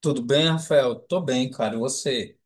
Tudo bem, Rafael? Tô bem, cara. E você?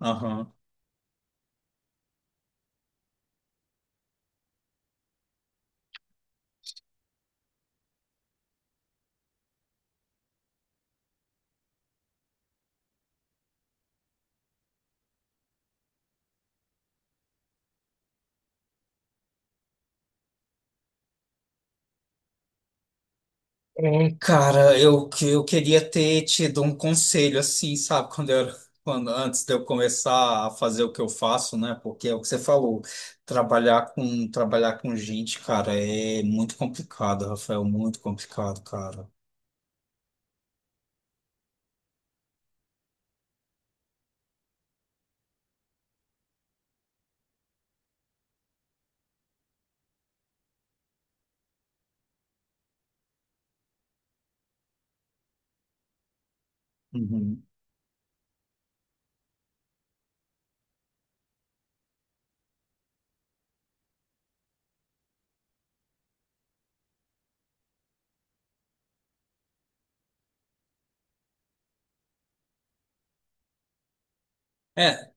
Aham. Cara, eu queria ter te dado um conselho, assim, sabe? Antes de eu começar a fazer o que eu faço, né? Porque é o que você falou, trabalhar com gente, cara, é muito complicado, Rafael, muito complicado, cara. Uhum. É,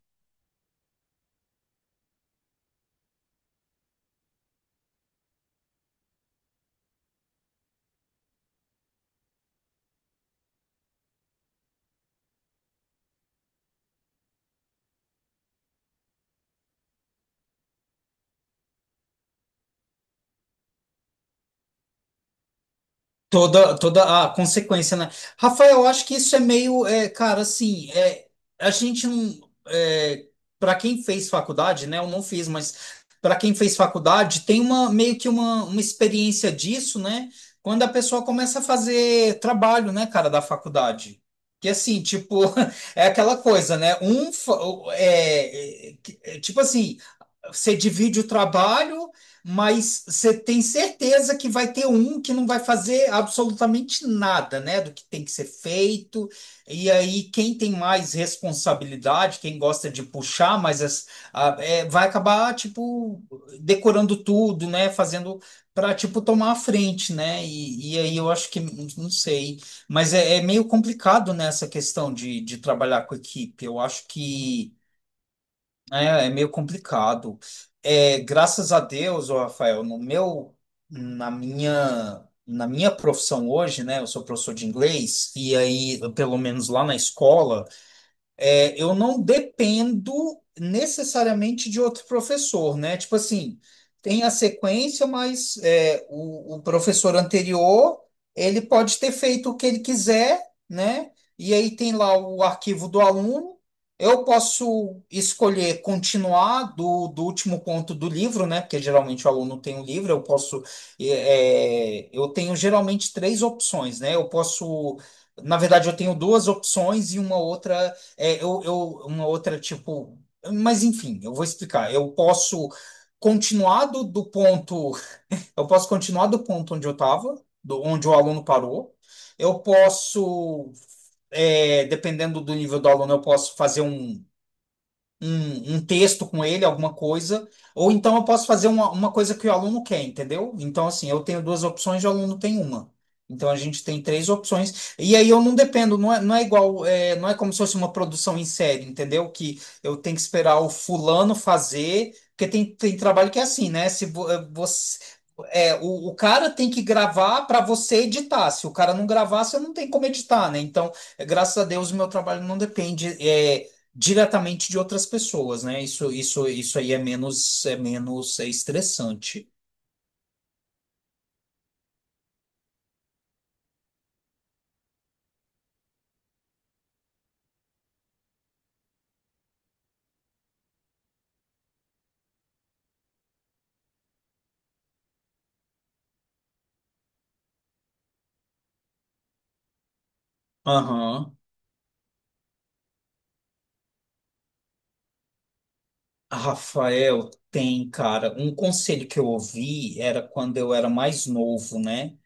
toda a consequência, né? Rafael, eu acho que isso é meio, cara, assim, a gente não, é, para quem fez faculdade, né? Eu não fiz, mas para quem fez faculdade, tem uma meio que uma experiência disso, né? Quando a pessoa começa a fazer trabalho, né, cara, da faculdade. Que assim, tipo, é aquela coisa, né? Tipo assim. Você divide o trabalho, mas você tem certeza que vai ter um que não vai fazer absolutamente nada, né, do que tem que ser feito. E aí, quem tem mais responsabilidade, quem gosta de puxar, vai acabar, tipo, decorando tudo, né, fazendo para, tipo, tomar a frente, né? E aí eu acho que, não sei, mas é meio complicado nessa questão de trabalhar com equipe. Eu acho que. É, é meio complicado. É, graças a Deus, ô Rafael, no meu, na minha profissão hoje, né? Eu sou professor de inglês e aí, pelo menos lá na escola eu não dependo necessariamente de outro professor, né? Tipo assim, tem a sequência, mas é, o professor anterior, ele pode ter feito o que ele quiser, né? E aí tem lá o arquivo do aluno. Eu posso escolher continuar do último ponto do livro, né? Porque geralmente o aluno tem um livro, eu posso. Eu tenho geralmente três opções, né? Eu posso. Na verdade, eu tenho duas opções e uma outra é, eu, eu, uma outra, tipo. Mas enfim, eu vou explicar. Eu posso continuar do ponto. Eu posso continuar do ponto onde eu estava, onde o aluno parou. Eu posso, é, dependendo do nível do aluno, eu posso fazer um texto com ele, alguma coisa, ou então eu posso fazer uma coisa que o aluno quer, entendeu? Então, assim, eu tenho duas opções e o aluno tem uma. Então, a gente tem três opções. E aí eu não dependo, não é igual, não é como se fosse uma produção em série, entendeu? Que eu tenho que esperar o fulano fazer, porque tem trabalho que é assim, né? Se vo- eh, você. É, o cara tem que gravar para você editar. Se o cara não gravar, você não tem como editar, né? Então, graças a Deus, o meu trabalho não depende. Diretamente de outras pessoas, né? Isso aí é menos, é estressante. Aham. Rafael, tem, cara, um conselho que eu ouvi era quando eu era mais novo, né?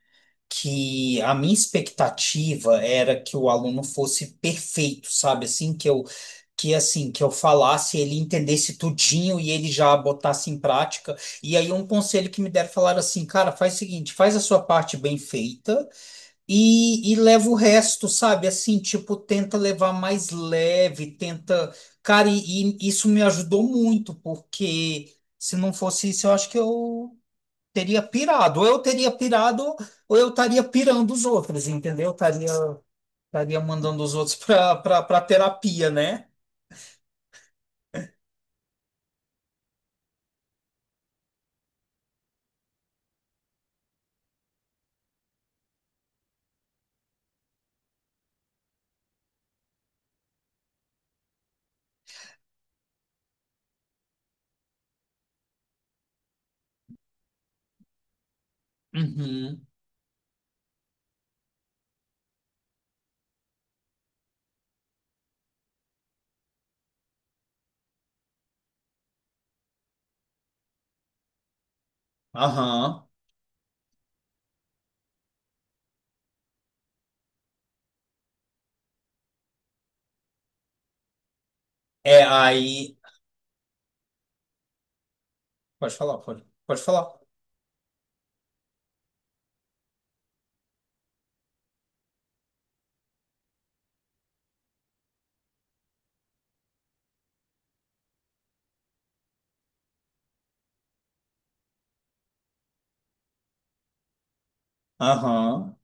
Que a minha expectativa era que o aluno fosse perfeito, sabe? Assim, que eu falasse, ele entendesse tudinho e ele já botasse em prática. E aí um conselho que me deram falar assim, cara, faz o seguinte, faz a sua parte bem feita e leva o resto, sabe? Assim, tipo, tenta levar mais leve, tenta. Cara, e isso me ajudou muito, porque se não fosse isso, eu acho que eu teria pirado. Ou eu teria pirado, ou eu estaria pirando os outros, entendeu? Eu Estaria, estaria mandando os outros pra terapia, né? Uhum. Aham. É, aí. Pode falar, pode falar. Aham.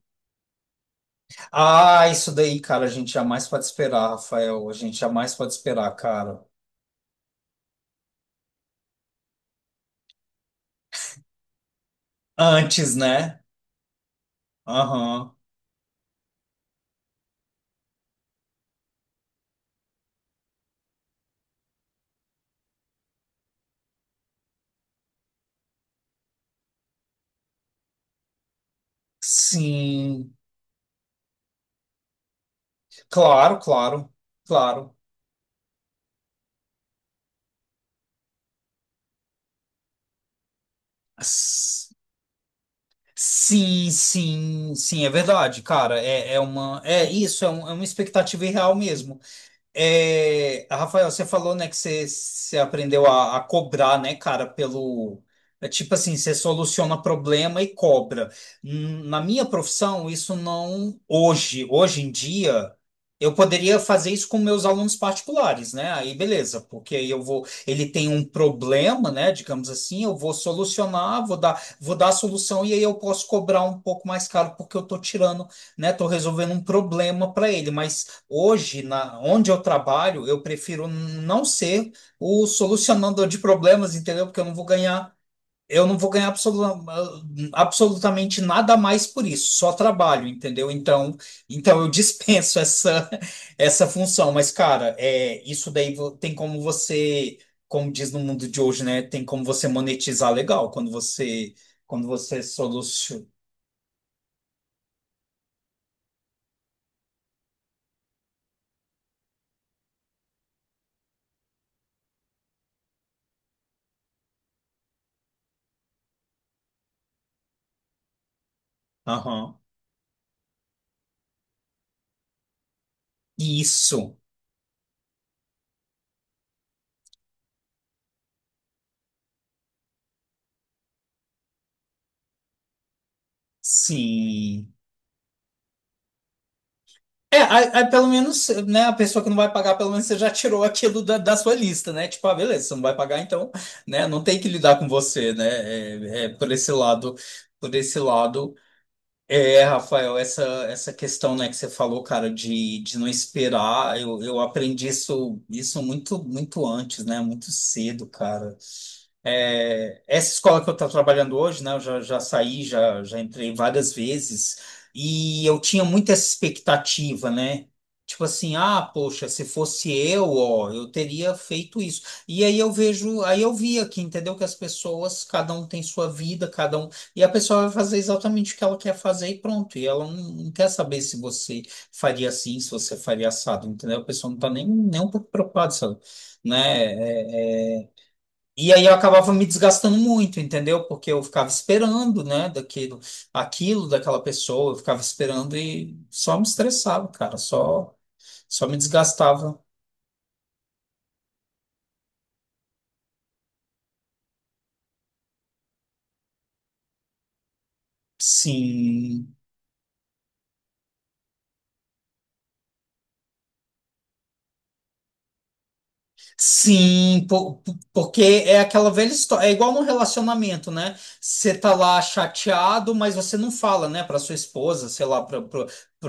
Ah, isso daí, cara, a gente jamais pode esperar, Rafael. A gente jamais pode esperar, cara. Antes, né? Aham. Sim. Claro, claro, claro. S- Sim, sim, sim, é verdade, cara. É, é uma. É isso, é uma expectativa irreal mesmo. É, Rafael, você falou, né, que você aprendeu a cobrar, né, cara, pelo. É tipo assim, você soluciona problema e cobra. Hum. Na minha profissão, isso não. Hoje em dia, eu poderia fazer isso com meus alunos particulares, né? Aí beleza, porque aí eu vou. Ele tem um problema, né, digamos assim, eu vou solucionar, vou dar a solução e aí eu posso cobrar um pouco mais caro porque eu tô tirando, né, tô resolvendo um problema para ele, mas. Hoje, na, onde eu trabalho, eu prefiro não ser o solucionador de problemas, entendeu? Porque eu não vou ganhar, eu não vou ganhar ah, absolutamente nada mais por isso, só trabalho, entendeu? Então eu dispenso essa, essa função. Mas, cara, é, isso daí tem como você, como diz no mundo de hoje, né? Tem como você monetizar legal quando você soluciona. Aham. Isso, sim. É, aí, aí pelo menos, né, a pessoa que não vai pagar, pelo menos você já tirou aquilo da sua lista, né? Tipo, ah, beleza, você não vai pagar, então, né, não tem que lidar com você, né? É, é, por esse lado, é, Rafael, essa questão, né, que você falou, cara, de não esperar, eu aprendi isso muito, muito antes, né? Muito cedo, cara. É, essa escola que eu estou trabalhando hoje, né, eu já, já saí, já, já entrei várias vezes, e eu tinha muita essa expectativa, né? Tipo assim, ah, poxa, se fosse eu, ó, eu teria feito isso. E aí eu vejo, aí eu vi aqui, entendeu? Que as pessoas, cada um tem sua vida, cada um. E a pessoa vai fazer exatamente o que ela quer fazer e pronto. E ela não, não quer saber se você faria assim, se você faria assado, entendeu? A pessoa não está nem, nem um pouco preocupada, sabe? Né? É, é, e aí eu acabava me desgastando muito, entendeu? Porque eu ficava esperando, né, daquilo, aquilo daquela pessoa, eu ficava esperando e só me estressava, cara, só me desgastava. Sim, porque é aquela velha história, é igual no relacionamento, né? Você tá lá chateado, mas você não fala, né, para sua esposa, sei lá, para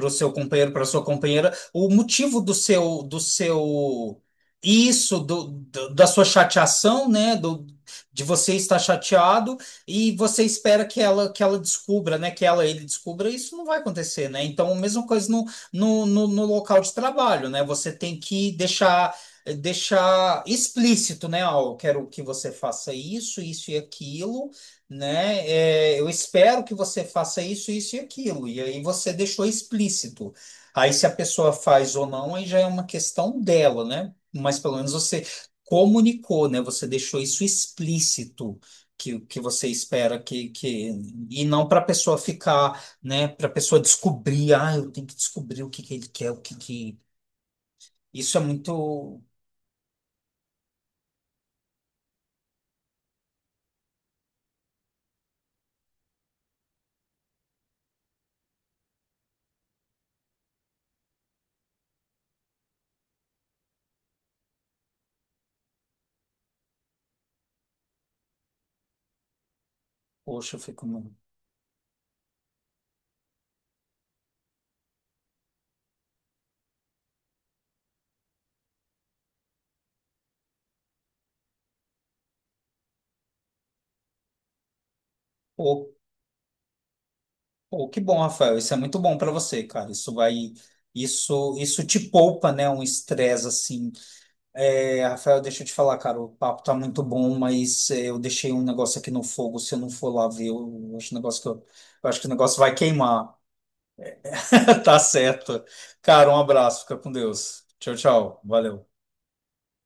o seu companheiro, para sua companheira, o motivo do seu da sua chateação, né, do de você estar chateado e você espera que ela descubra, né, que ela ele descubra, isso não vai acontecer, né? Então, a mesma coisa no local de trabalho, né? Você tem que deixar deixar explícito, né? Ó, eu quero que você faça isso, isso e aquilo, né? É, eu espero que você faça isso, isso e aquilo. E aí você deixou explícito. Aí se a pessoa faz ou não, aí já é uma questão dela, né? Mas pelo menos você comunicou, né? Você deixou isso explícito. Que você espera que e não para a pessoa ficar, né, para a pessoa descobrir, ah, eu tenho que descobrir o que ele quer, o que isso é muito. Poxa, eu fico. Pô, pô, que bom, Rafael. Isso é muito bom para você, cara. Isso vai. Isso te poupa, né? Um estresse assim. É, Rafael, deixa eu te falar, cara. O papo tá muito bom, mas é, eu deixei um negócio aqui no fogo. Se eu não for lá ver, eu acho, o negócio que eu acho que o negócio vai queimar. Tá certo. Cara, um abraço. Fica com Deus. Tchau, tchau. Valeu.